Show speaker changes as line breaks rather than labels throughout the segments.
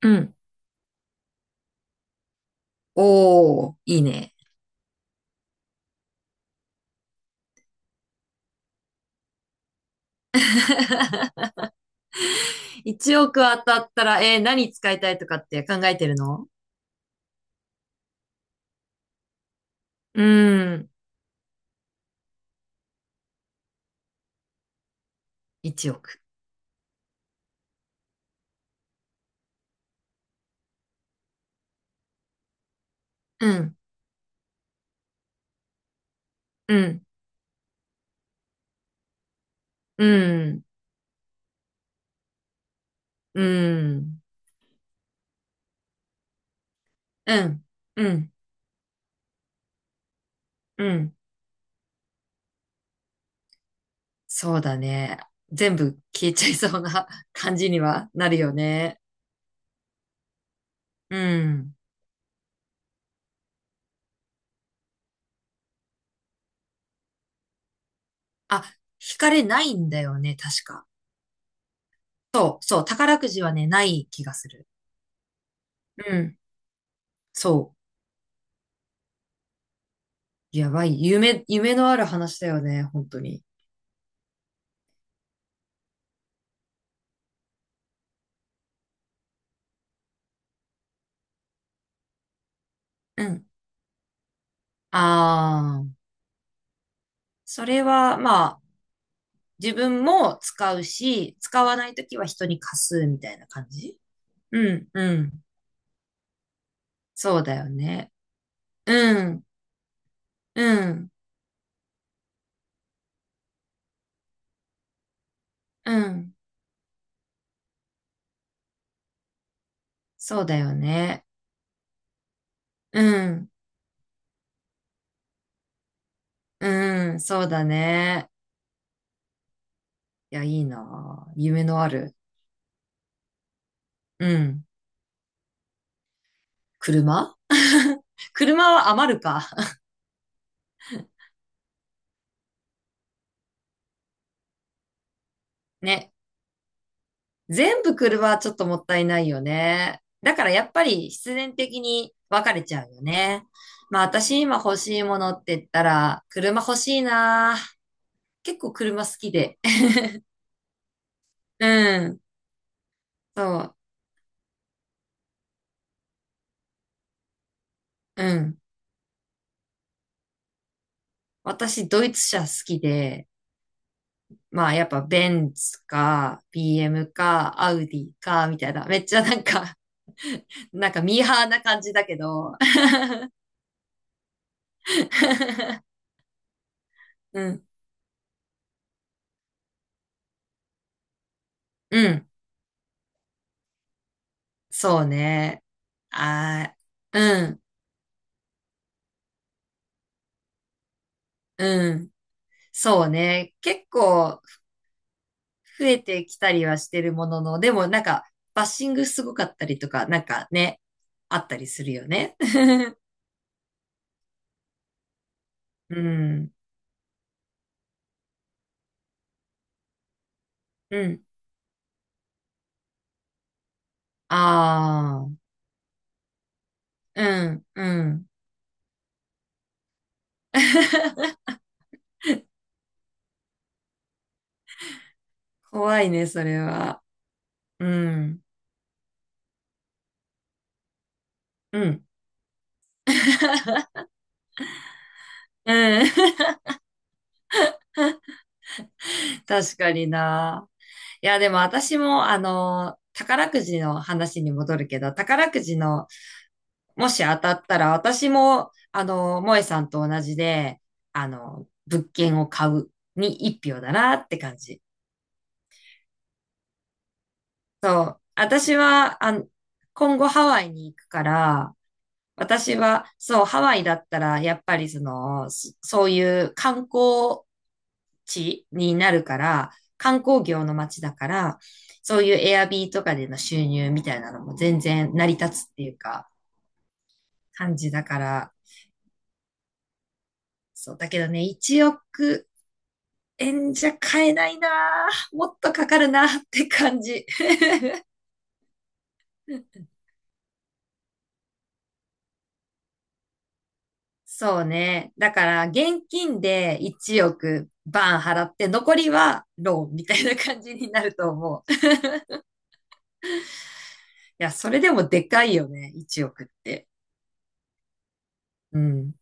うん。おー、いいね。1億当たったら、何使いたいとかって考えてるの？うーん、1億。うん、うん、うん、うん、うん、うん、うん。そうだね。全部消えちゃいそうな 感じにはなるよね。うん。あ、引かれないんだよね、確か。そう、そう、宝くじはね、ない気がする。うん、そう。やばい。夢のある話だよね、本当に。うん、ああ、それは、まあ、自分も使うし、使わないときは人に貸すみたいな感じ。うん、うん。そうだよね。うん、うん、うん。そうだよね。うん、うん、そうだね。いや、いいなあ。夢のある。うん。車 車は余るか。ね。全部車はちょっともったいないよね。だからやっぱり必然的に別れちゃうよね。まあ私今欲しいものって言ったら、車欲しいな。結構車好きで。うん。そう。うん。私ドイツ車好きで、まあやっぱベンツか、BM か、アウディか、みたいな。めっちゃなんか、なんかミーハーな感じだけど。うん。うん。そうね。あー、うん。うん。そうね。結構増えてきたりはしてるものの、でもなんかバッシングすごかったりとか、なんかね、あったりするよね。うん。うん。ああ。うん。うん。怖いね、それは。うん。うん。うん。確かにな。いや、でも私も、宝くじの話に戻るけど、宝くじのもし当たったら、私も、萌えさんと同じで、物件を買うに一票だなって感じ。そう。私は、今後ハワイに行くから、私は、そう、ハワイだったら、やっぱりその、そういう観光地になるから、観光業の街だから、そういうエアビーとかでの収入みたいなのも全然成り立つっていうか、感じだから、そう、だけどね、1億円じゃ買えないなぁもっとかかるなって感じ。そうね。だから、現金で1億バーン払って、残りはローンみたいな感じになると思う。いや、それでもでかいよね。1億って。うん。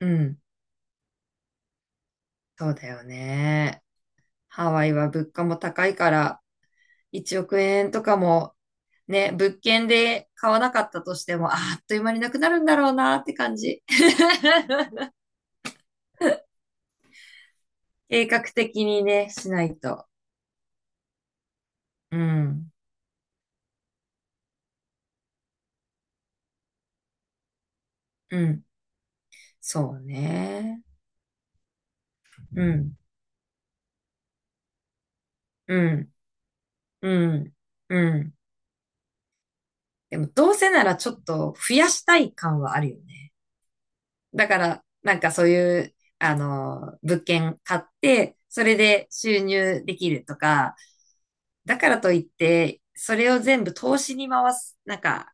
うん。そうだよね。ハワイは物価も高いから、1億円とかもね、物件で買わなかったとしても、あーっという間になくなるんだろうなって感じ。計画的にね、しないと。うん。うん。そうね。うん。うん。うん。うん。でも、どうせならちょっと増やしたい感はあるよね。だから、なんかそういう、物件買って、それで収入できるとか、だからといって、それを全部投資に回す、なんか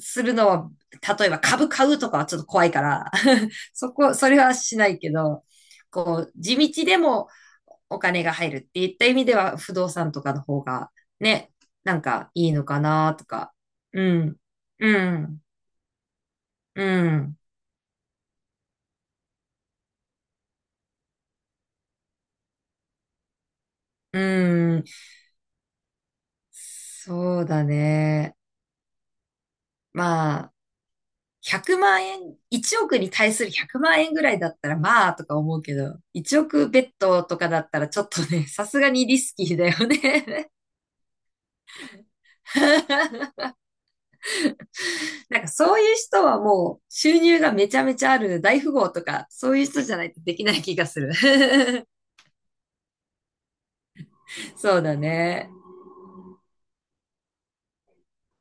するのは、例えば株買うとかはちょっと怖いから、それはしないけど、こう、地道でもお金が入るっていった意味では、不動産とかの方が、ね、なんかいいのかなとか。うん、うん、うん、うん。そうだね。まあ、100万円、1億に対する100万円ぐらいだったら、まあ、とか思うけど、1億ベッドとかだったら、ちょっとね、さすがにリスキーだよね。なんかそういう人はもう収入がめちゃめちゃある大富豪とか、そういう人じゃないとできない気がする。そうだね。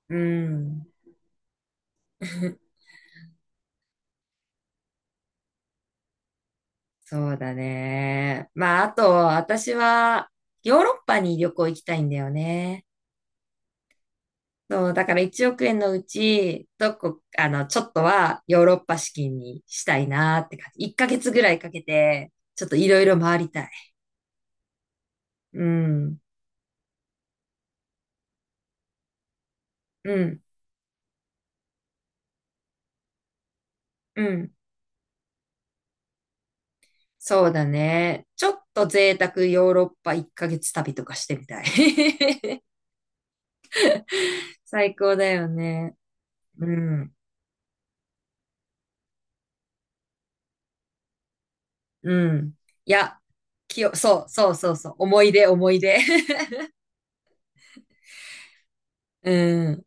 うん。そうだね。まあ、あと、私はヨーロッパに旅行行きたいんだよね。そう、だから1億円のうち、どこ、あの、ちょっとはヨーロッパ資金にしたいなって感じ。1ヶ月ぐらいかけて、ちょっといろいろ回りたい。うん、うん、うん。そうだね。ちょっと贅沢ヨーロッパ1ヶ月旅とかしてみたい。最高だよね。うん。うん。いや、そう、そうそうそう。思い出、思い出。うん。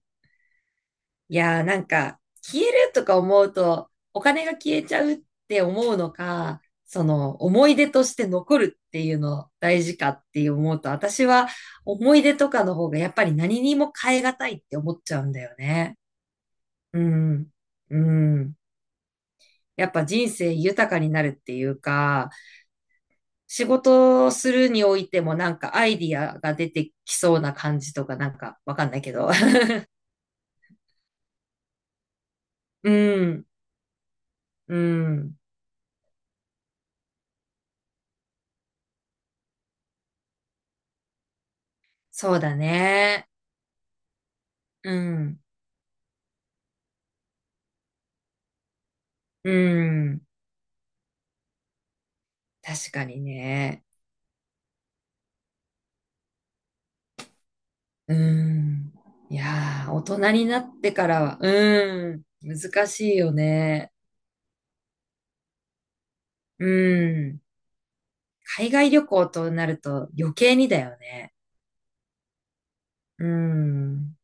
いやー、なんか、消えるとか思うと、お金が消えちゃうって思うのか、その、思い出として残るっていうの大事かって思うと、私は思い出とかの方がやっぱり何にも変えがたいって思っちゃうんだよね。うん。うん。やっぱ人生豊かになるっていうか、仕事をするにおいてもなんかアイディアが出てきそうな感じとかなんかわかんないけど。うん、うん。そうだね。うん、うん。確かにね。うん。いやー、大人になってからは、うん、難しいよね。うん。海外旅行となると余計にだよね。うん。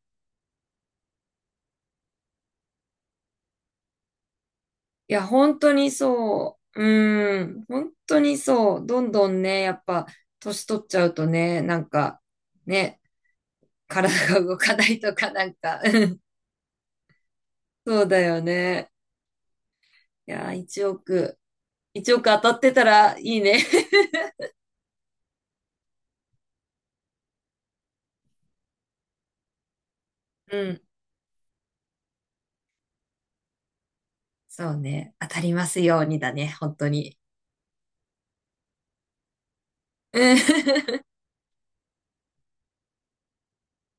いや、本当にそう。うーん、本当にそう。どんどんね、やっぱ、年取っちゃうとね、なんか、ね、体が動かないとか、なんか、うん、そうだよね。いや、1億当たってたらいいね。うん、そうね。当たりますようにだね、本当に。うん